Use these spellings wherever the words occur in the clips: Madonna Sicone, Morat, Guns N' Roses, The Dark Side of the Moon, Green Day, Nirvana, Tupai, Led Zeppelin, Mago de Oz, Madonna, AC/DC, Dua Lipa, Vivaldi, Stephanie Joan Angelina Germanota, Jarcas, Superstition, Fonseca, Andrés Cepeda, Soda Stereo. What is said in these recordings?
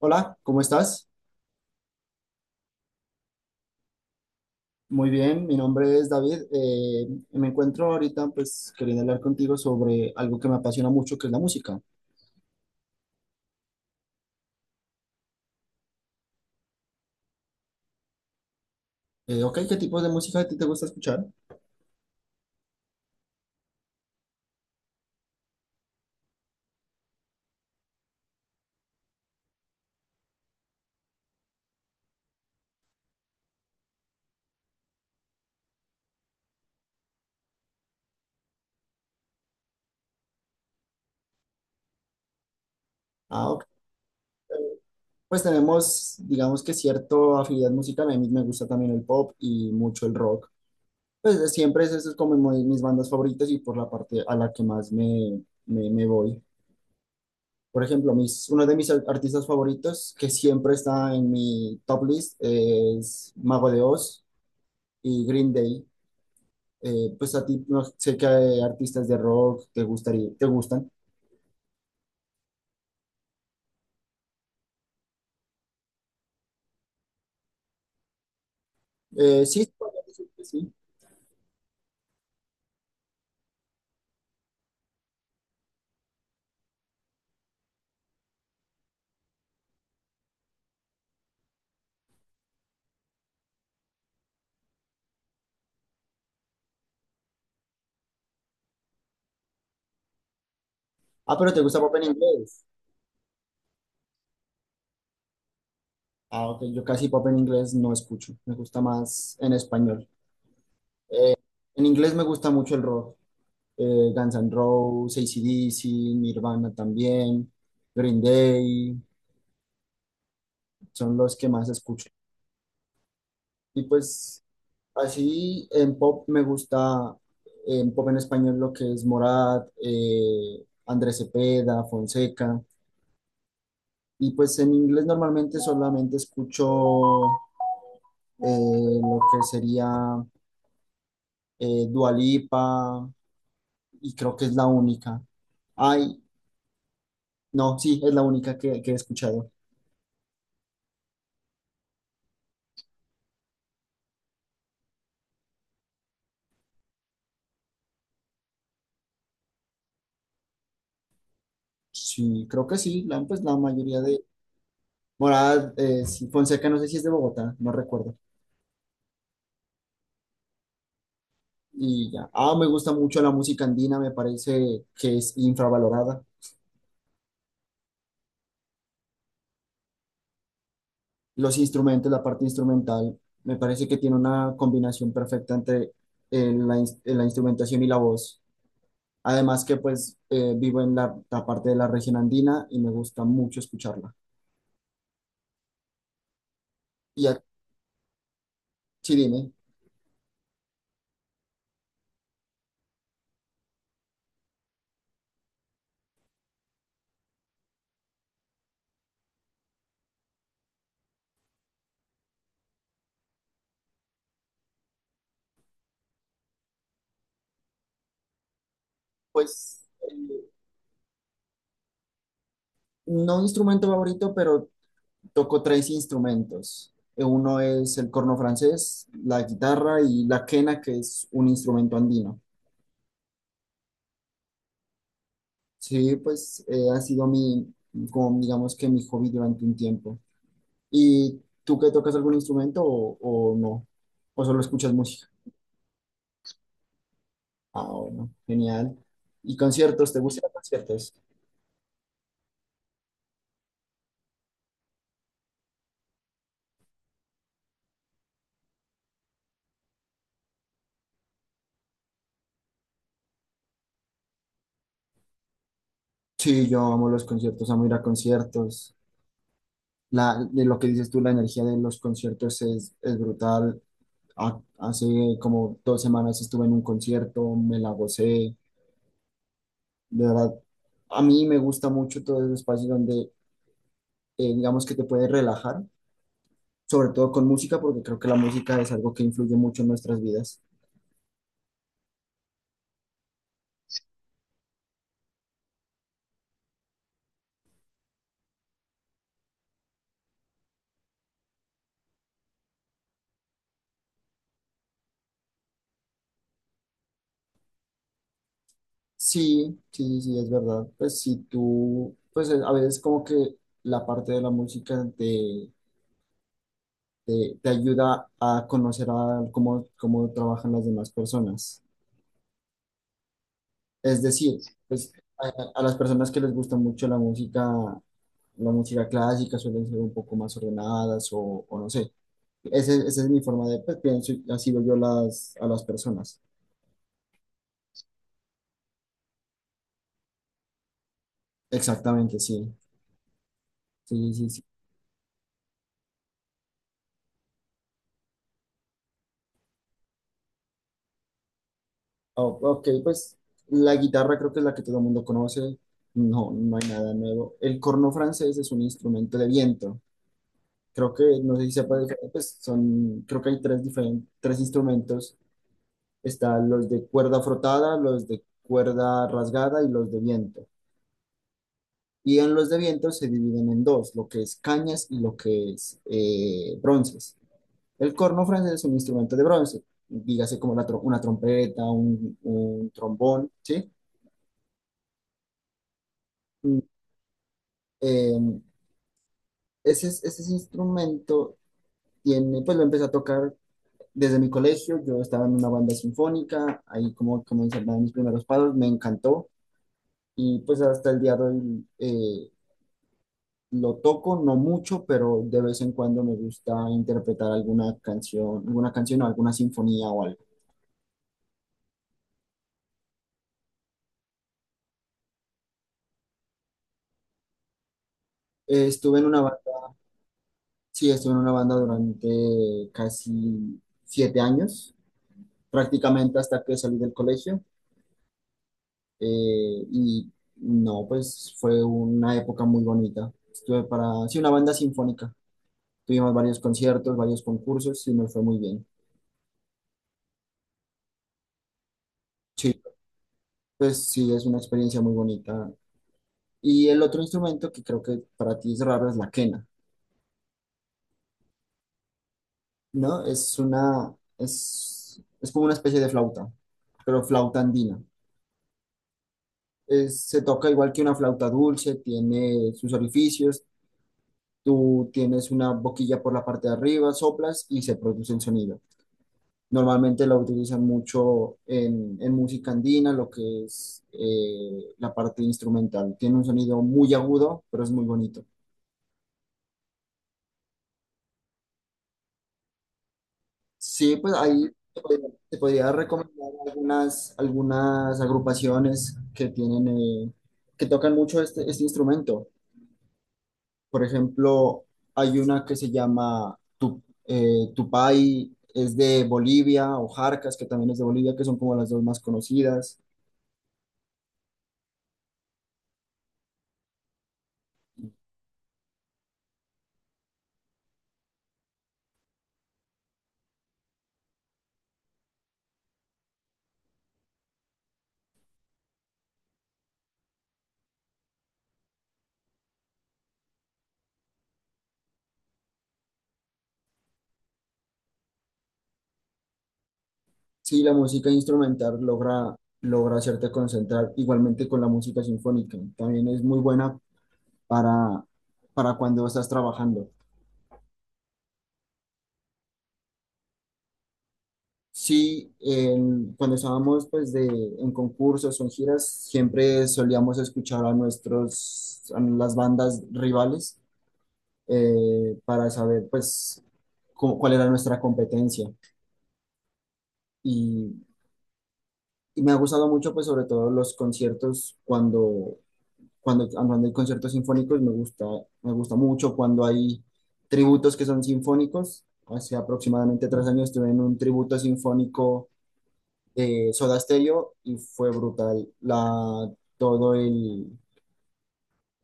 Hola, ¿cómo estás? Muy bien, mi nombre es David. Me encuentro ahorita, pues, queriendo hablar contigo sobre algo que me apasiona mucho, que es la música. Ok, ¿qué tipos de música a ti te gusta escuchar? Ah, ok. Pues tenemos, digamos, que cierta afinidad musical. A mí me gusta también el pop y mucho el rock. Pues de siempre es, eso es como mis bandas favoritas y por la parte a la que más me voy. Por ejemplo, uno de mis artistas favoritos, que siempre está en mi top list, es Mago de Oz y Green Day. Pues a ti no sé qué artistas de rock te gustan. Sí, podría decir que sí. Ah, pero te gusta pop en inglés. Ah, ok, yo casi pop en inglés no escucho, me gusta más en español. En inglés me gusta mucho el rock, Guns N' Roses, AC/DC, Nirvana también, Green Day, son los que más escucho. Y pues así en pop me gusta, en pop en español lo que es Morat, Andrés Cepeda, Fonseca. Y pues en inglés normalmente solamente escucho lo que sería Dua Lipa, y creo que es la única. Ay, no, sí, es la única que he escuchado. Sí, creo que sí, pues la mayoría de... Morada, sí, Fonseca, no sé si es de Bogotá, no recuerdo. Y ya. Ah, me gusta mucho la música andina, me parece que es infravalorada. Los instrumentos, la parte instrumental, me parece que tiene una combinación perfecta entre la instrumentación y la voz. Además que pues vivo en la parte de la región andina y me gusta mucho escucharla. Y a Sí, dime, pues no instrumento favorito, pero toco 3 instrumentos. Uno es el corno francés, la guitarra y la quena, que es un instrumento andino. Sí, pues ha sido mi, como digamos que mi hobby durante un tiempo. ¿Y tú que tocas algún instrumento o no? ¿O solo escuchas música? Ah, bueno, genial. ¿Y conciertos? ¿Te gustan los conciertos? Sí, yo amo los conciertos, amo ir a conciertos. La, de lo que dices tú, la energía de los conciertos es brutal. Hace como 2 semanas estuve en un concierto, me la gocé. De verdad, a mí me gusta mucho todo ese espacio donde, digamos que te puedes relajar, sobre todo con música, porque creo que la música es algo que influye mucho en nuestras vidas. Sí, sí, sí, es verdad. Pues si tú, pues a veces como que la parte de la música te ayuda a conocer a cómo trabajan las demás personas. Es decir, pues a, a las personas que les gusta mucho la música clásica suelen ser un poco más ordenadas o no sé. Esa es mi forma de, pues pienso, y así veo yo a las personas. Exactamente, sí. Sí, sí, sí. Oh, ok, pues la guitarra creo que es la que todo el mundo conoce. No, no hay nada nuevo. El corno francés es un instrumento de viento. Creo que, no sé si sepa, pues son, creo que hay 3 diferentes, 3 instrumentos. Están los de cuerda frotada, los de cuerda rasgada y los de viento. Y en los de viento se dividen en dos, lo que es cañas y lo que es bronces. El corno francés es un instrumento de bronce, dígase como una trompeta, un trombón, ¿sí? Mm, eh, Ese, ese instrumento tiene, pues lo empecé a tocar desde mi colegio, yo estaba en una banda sinfónica, ahí como comencé a dar mis primeros pasos, me encantó y pues hasta el día de hoy lo toco, no mucho, pero de vez en cuando me gusta interpretar alguna canción o alguna sinfonía o algo. Estuve en una, ba- Sí, estuve en una banda durante casi 7 años, prácticamente hasta que salí del colegio y no, pues fue una época muy bonita. Estuve para, sí, una banda sinfónica. Tuvimos varios conciertos, varios concursos y nos fue muy bien. Sí, pues sí, es una experiencia muy bonita. Y el otro instrumento que creo que para ti es raro es la quena, ¿no? Es una, es como una especie de flauta, pero flauta andina. Se toca igual que una flauta dulce, tiene sus orificios, tú tienes una boquilla por la parte de arriba, soplas y se produce el sonido. Normalmente la utilizan mucho en música andina, lo que es la parte instrumental. Tiene un sonido muy agudo, pero es muy bonito. Sí, pues ahí te podría recomendar algunas, algunas agrupaciones que tienen, que tocan mucho este, este instrumento. Por ejemplo, hay una que se llama Tupai, es de Bolivia, o Jarcas, que también es de Bolivia, que son como las dos más conocidas. Sí, la música instrumental logra hacerte concentrar igualmente con la música sinfónica. También es muy buena para, para cuando estás trabajando. Sí, cuando estábamos pues de, en concursos o en giras, siempre solíamos escuchar a nuestros, a las bandas rivales para saber pues cuál era nuestra competencia. Y, y me ha gustado mucho pues sobre todo los conciertos cuando cuando hay conciertos sinfónicos me gusta mucho cuando hay tributos que son sinfónicos. Hace aproximadamente 3 años estuve en un tributo sinfónico de Soda Stereo y fue brutal. La, todo el,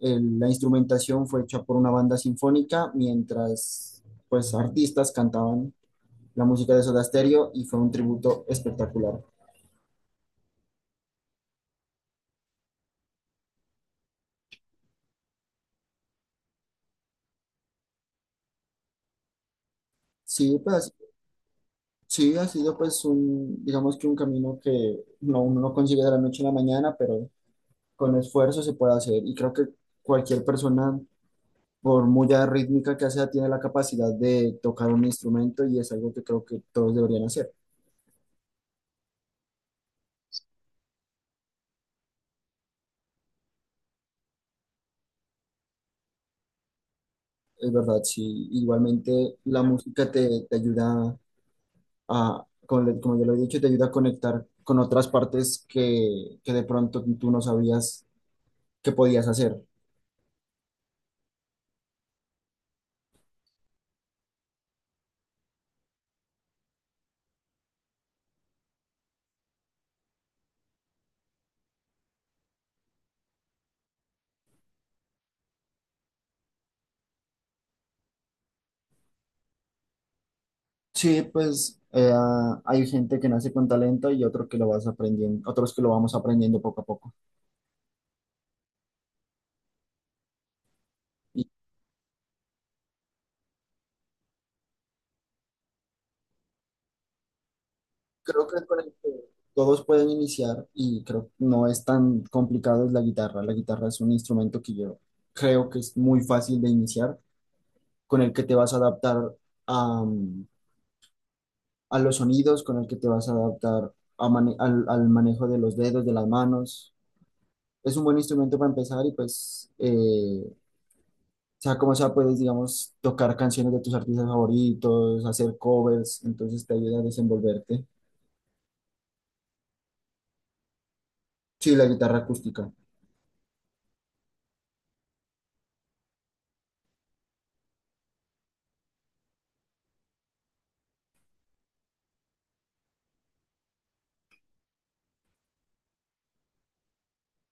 la instrumentación fue hecha por una banda sinfónica mientras pues artistas cantaban la música de Soda Stereo y fue un tributo espectacular. Sí, pues sí, ha sido pues un, digamos que un camino que no, uno no consigue de la noche a la mañana, pero con esfuerzo se puede hacer y creo que cualquier persona, por muy rítmica que sea, tiene la capacidad de tocar un instrumento y es algo que creo que todos deberían hacer. Es verdad, sí. Igualmente la música te ayuda como ya lo he dicho, te ayuda a conectar con otras partes que de pronto tú no sabías que podías hacer. Sí, pues hay gente que nace con talento y otro que lo vas aprendiendo, otros que lo vamos aprendiendo poco a poco. Creo que con el que todos pueden iniciar y creo que no es tan complicado es la guitarra. La guitarra es un instrumento que yo creo que es muy fácil de iniciar, con el que te vas a adaptar a, mm, a los sonidos, con el que te vas a adaptar a al manejo de los dedos, de las manos. Es un buen instrumento para empezar y pues, sea como sea, puedes, digamos, tocar canciones de tus artistas favoritos, hacer covers, entonces te ayuda a desenvolverte. Sí, la guitarra acústica.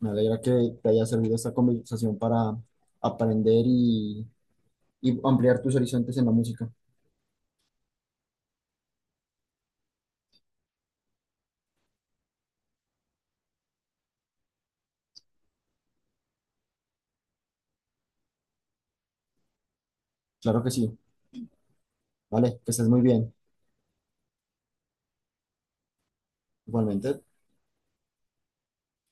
Me alegra que te haya servido esta conversación para aprender y ampliar tus horizontes en la música. Claro que sí. Vale, que estés muy bien. Igualmente.